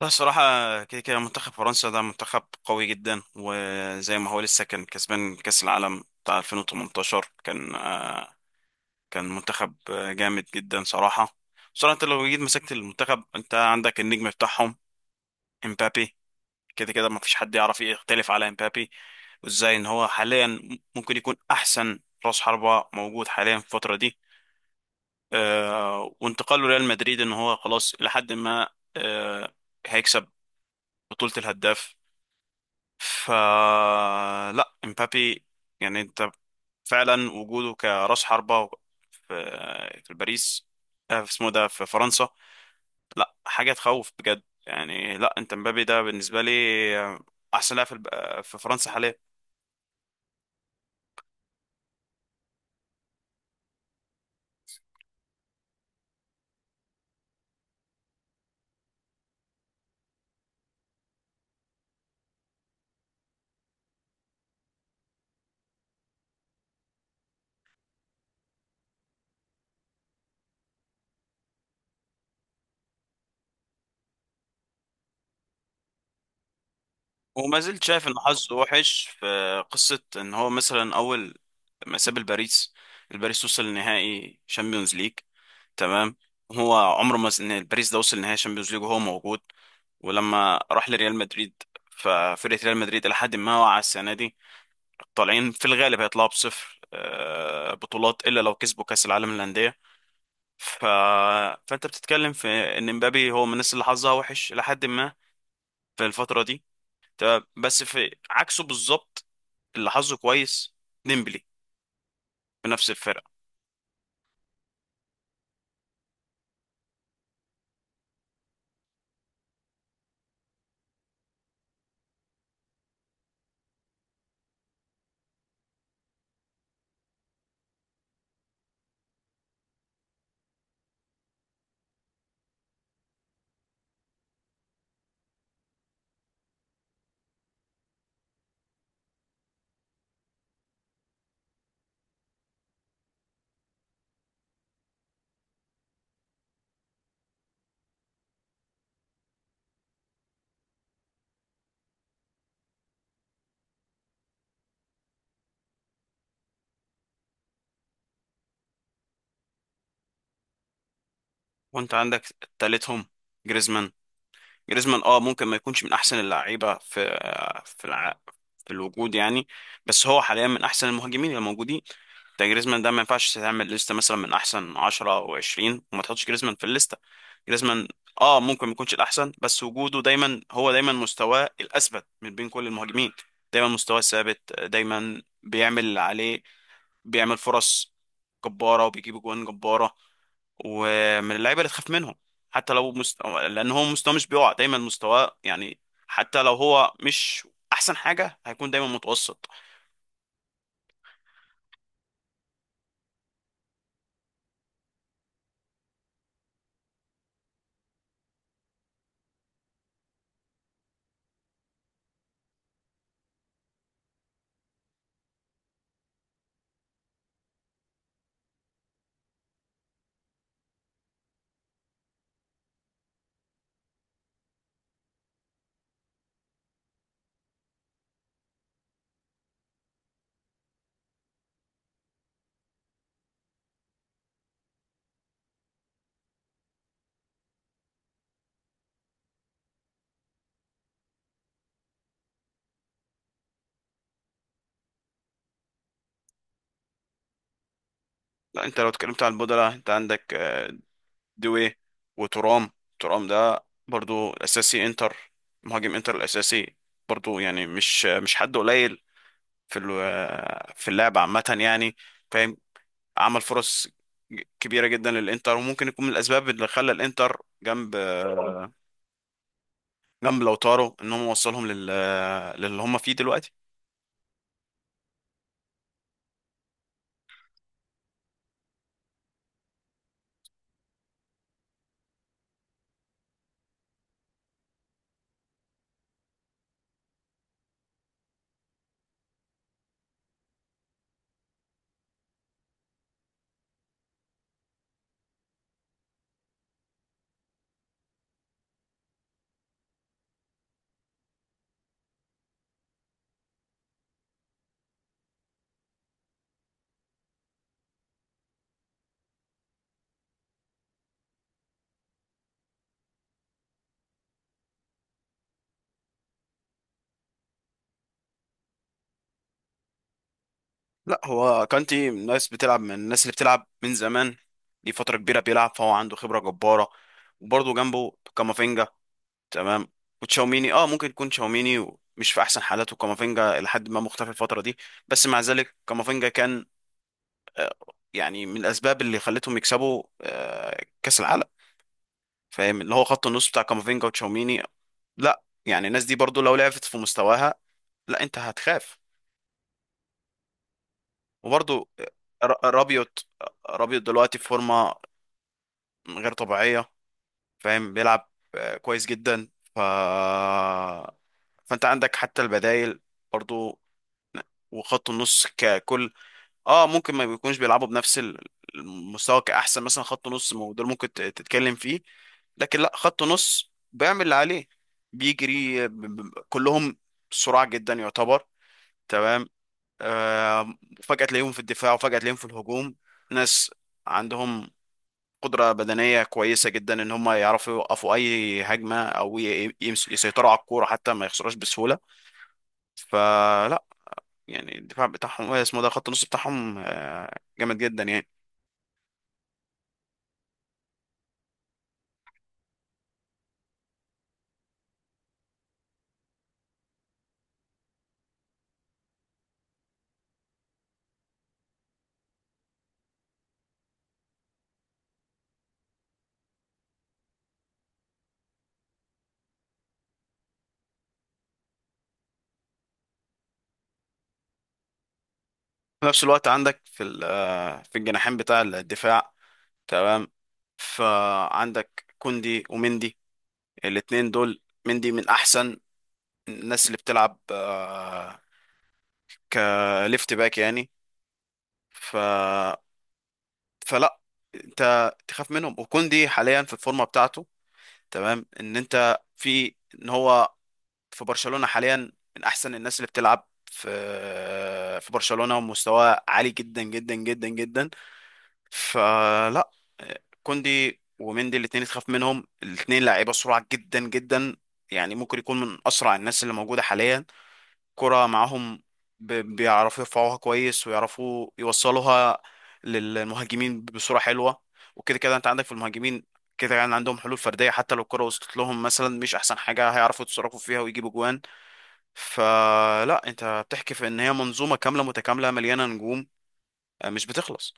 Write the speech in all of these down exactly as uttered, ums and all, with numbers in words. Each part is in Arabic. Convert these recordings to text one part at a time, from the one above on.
لا، الصراحة كده كده منتخب فرنسا ده منتخب قوي جدا، وزي ما هو لسه كان كسبان كأس العالم بتاع ألفين وتمنتاشر. كان آه، كان منتخب آه، جامد جدا صراحة. صراحة انت لو جيت مسكت المنتخب، انت عندك النجم بتاعهم، امبابي. كده كده ما فيش حد يعرف يختلف على امبابي، وازاي ان هو حاليا ممكن يكون احسن راس حربة موجود حاليا في الفترة دي. آه، وانتقاله ريال مدريد، ان هو خلاص لحد ما آه، هيكسب بطولة الهداف. ف لا، امبابي يعني انت فعلا وجوده كراس حربة في في باريس، آه، في اسمه ده في فرنسا، لا حاجة تخوف بجد. يعني لا، انت امبابي ده بالنسبة لي آه، احسن لاعب في الب- آه، في فرنسا حاليا. وما زلت شايف ان حظه وحش في قصة ان هو مثلا اول ما ساب الباريس، الباريس وصل لنهائي شامبيونز ليج. تمام. هو عمره ما س- ان الباريس ده وصل لنهائي شامبيونز ليج وهو موجود. ولما راح لريال مدريد، ففرقة ريال مدريد إلى حد ما واقعة السنة دي، طالعين في الغالب، هيطلعوا بصفر آه، بطولات إلا لو كسبوا كأس العالم للأندية. ف... فأنت بتتكلم في إن مبابي هو من الناس اللي حظها وحش إلى حد ما في الفترة دي. تمام. بس في عكسه بالظبط، اللي حظه كويس، ديمبلي، في نفس الفرقة. وأنت عندك تالتهم، جريزمان. جريزمان اه ممكن ما يكونش من أحسن اللعيبة في، آه، في الع... في الوجود يعني. بس هو حاليا من احسن المهاجمين الموجودين. ده جريزمان ده ما ينفعش تعمل لستة مثلا من احسن عشرة او عشرين وما تحطش جريزمان في الليستة. جريزمان اه ممكن ما يكونش الاحسن، بس وجوده دايما، هو دايما مستواه الاثبت من بين كل المهاجمين. دايما مستواه ثابت، دايما بيعمل اللي عليه، بيعمل فرص جبارة وبيجيب جوان جبارة. ومن اللعيبة اللي تخاف منهم، حتى لو مست... لان هو مستواه مش بيقع، دايما مستواه يعني. حتى لو هو مش احسن حاجة، هيكون دايما متوسط. لا، انت لو اتكلمت عن البودلة، انت عندك آه، دوي وترام. ترام ده برضو الاساسي انتر، مهاجم انتر الاساسي. برضو يعني مش مش حد قليل في ال- في اللعب عامه يعني، فاهم. عمل فرص ج- كبيره جدا للانتر، وممكن يكون من الاسباب اللي خلى الانتر جنب جنب لوتارو، ان هم وصلهم لل للي هم فيه دلوقتي. لا، هو كانتي من الناس بتلعب من الناس اللي بتلعب من زمان. دي فتره كبيره بيلعب، فهو عنده خبره جباره. وبرضه جنبه كامافينجا. تمام. وتشاوميني اه ممكن يكون تشاوميني مش في احسن حالاته، وكامافينجا لحد ما مختفي الفتره دي. بس مع ذلك كامافينجا كان آه، يعني من الاسباب اللي خلتهم يكسبوا آه، كاس العالم، فاهم، اللي هو خط النص بتاع كامافينجا وتشاوميني. لا يعني، الناس دي برضو لو لعبت في مستواها، لا انت هتخاف. وبرضو ر- رابيوت. رابيوت دلوقتي في فورمه غير طبيعيه، فاهم، بيلعب آه، كويس جدا. ف فانت عندك حتى البدائل برضو. وخط النص ككل اه ممكن ما بيكونوش بيلعبوا بنفس ال- المستوى كأحسن مثلا خط نص، ما هو ده اللي ممكن ت- تتكلم فيه. لكن لا، خط نص بيعمل اللي عليه، بيجري ب- ب- كلهم سرعة جدا يعتبر. تمام. آه فجأة تلاقيهم في الدفاع، وفجأة تلاقيهم في الهجوم. ناس عندهم قدرة بدنية كويسة جدا، ان هم يعرفوا يوقفوا اي هجمة، او ي- يمس- يسيطروا على الكورة حتى ما يخسروش بسهولة. فلا يعني، الدفاع بتاعهم آه، اسمه ده، خط النص بتاعهم آه، جامد جدا يعني. في نفس الوقت عندك في ال- آه، في الجناحين بتاع الدفاع. تمام. فعندك كوندي ومندي، الاتنين دول. مندي من احسن الناس اللي بتلعب آه، كليفت باك يعني. ف فلا انت تخاف منهم. وكوندي حاليا في الفورمه بتاعته، تمام، ان انت في ان هو في برشلونة حاليا، من احسن الناس اللي بتلعب في في برشلونة، ومستواه عالي جدا جدا جدا جدا. فلا، كوندي ومندي الاثنين تخاف منهم، الاثنين لعيبة سرعة جدا جدا. يعني ممكن يكون من اسرع الناس اللي موجودة حاليا. كرة معاهم ب- بيعرفوا يرفعوها كويس، ويعرفوا يوصلوها للمهاجمين بصورة حلوة. وكده كده انت عندك في المهاجمين كده، يعني عندهم حلول فردية. حتى لو الكرة وصلت لهم مثلا مش احسن حاجة، هيعرفوا يتصرفوا فيها ويجيبوا جوان. فلا، انت بتحكي في ان هي منظومه كامله متكامله مليانه نجوم آه، مش بتخلص.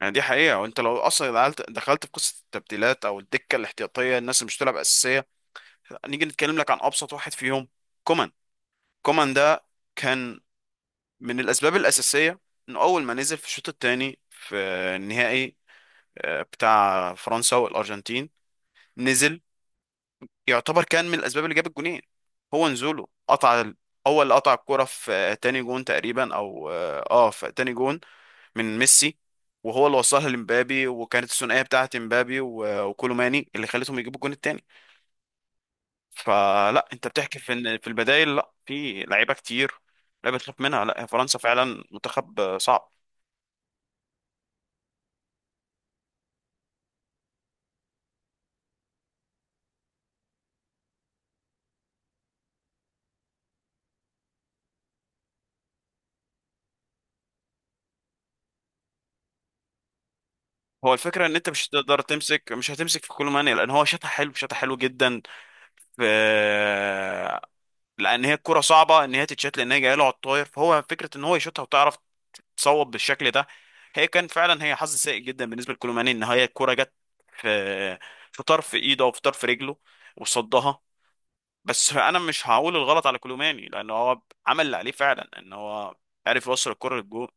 يعني دي حقيقه. وانت لو اصلا دخلت دخلت في قصه التبديلات او الدكه الاحتياطيه، الناس اللي مش بتلعب اساسيه، نيجي نتكلم لك عن ابسط واحد فيهم، كومان. كومان ده كان من الاسباب الاساسيه انه اول ما نزل في الشوط الثاني في النهائي آه، بتاع فرنسا والارجنتين. نزل، يعتبر كان من الاسباب اللي جاب الجونين. هو نزوله قطع ال- هو اللي قطع الكرة في آه، تاني جون تقريبا، او اه آه، في تاني جون من ميسي، وهو اللي وصلها لمبابي. وكانت الثنائية بتاعت مبابي و- وكولوماني اللي خلتهم يجيبوا الجون التاني. فلا، انت بتحكي في ان في البدايل، لا، في لعيبة كتير، لعيبة تخاف منها. لا، هي فرنسا فعلا منتخب آه، صعب. هو الفكرة ان انت مش هتقدر تمسك مش هتمسك في كولوماني، لان هو شاطح حلو، شاطح حلو جدا. في، لان هي الكرة صعبة ان هي تتشات، لان هي جايه له على الطاير، فهو فكرة ان هو يشوطها وتعرف تصوب بالشكل ده. هي كان فعلا هي حظ سيء جدا بالنسبة لكولوماني، ان هي الكرة جت في في طرف ايده او في طرف رجله، وصدها. بس انا مش هقول الغلط على كولوماني، لان هو عمل اللي عليه فعلا، ان هو عرف يوصل الكرة للجول.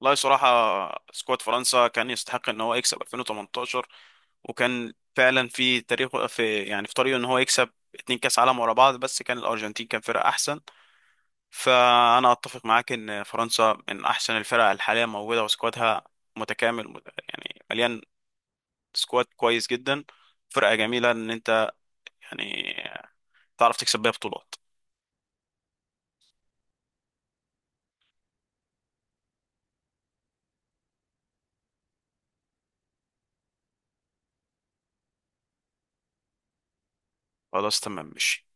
والله صراحة سكواد فرنسا كان يستحق ان هو يكسب ألفين وتمنتاشر. وكان فعلا في تاريخه، في يعني في طريقه، ان هو يكسب اتنين كاس عالم ورا بعض، بس كان الارجنتين كان فرقة احسن. فأنا أتفق معاك إن فرنسا من أحسن الفرق الحالية موجودة، وسكوادها متكامل مت- يعني مليان، سكواد كويس جدا، فرقة جميلة، إن أنت يعني تعرف تكسب بيها بطولات. خلاص، تمام، ماشي.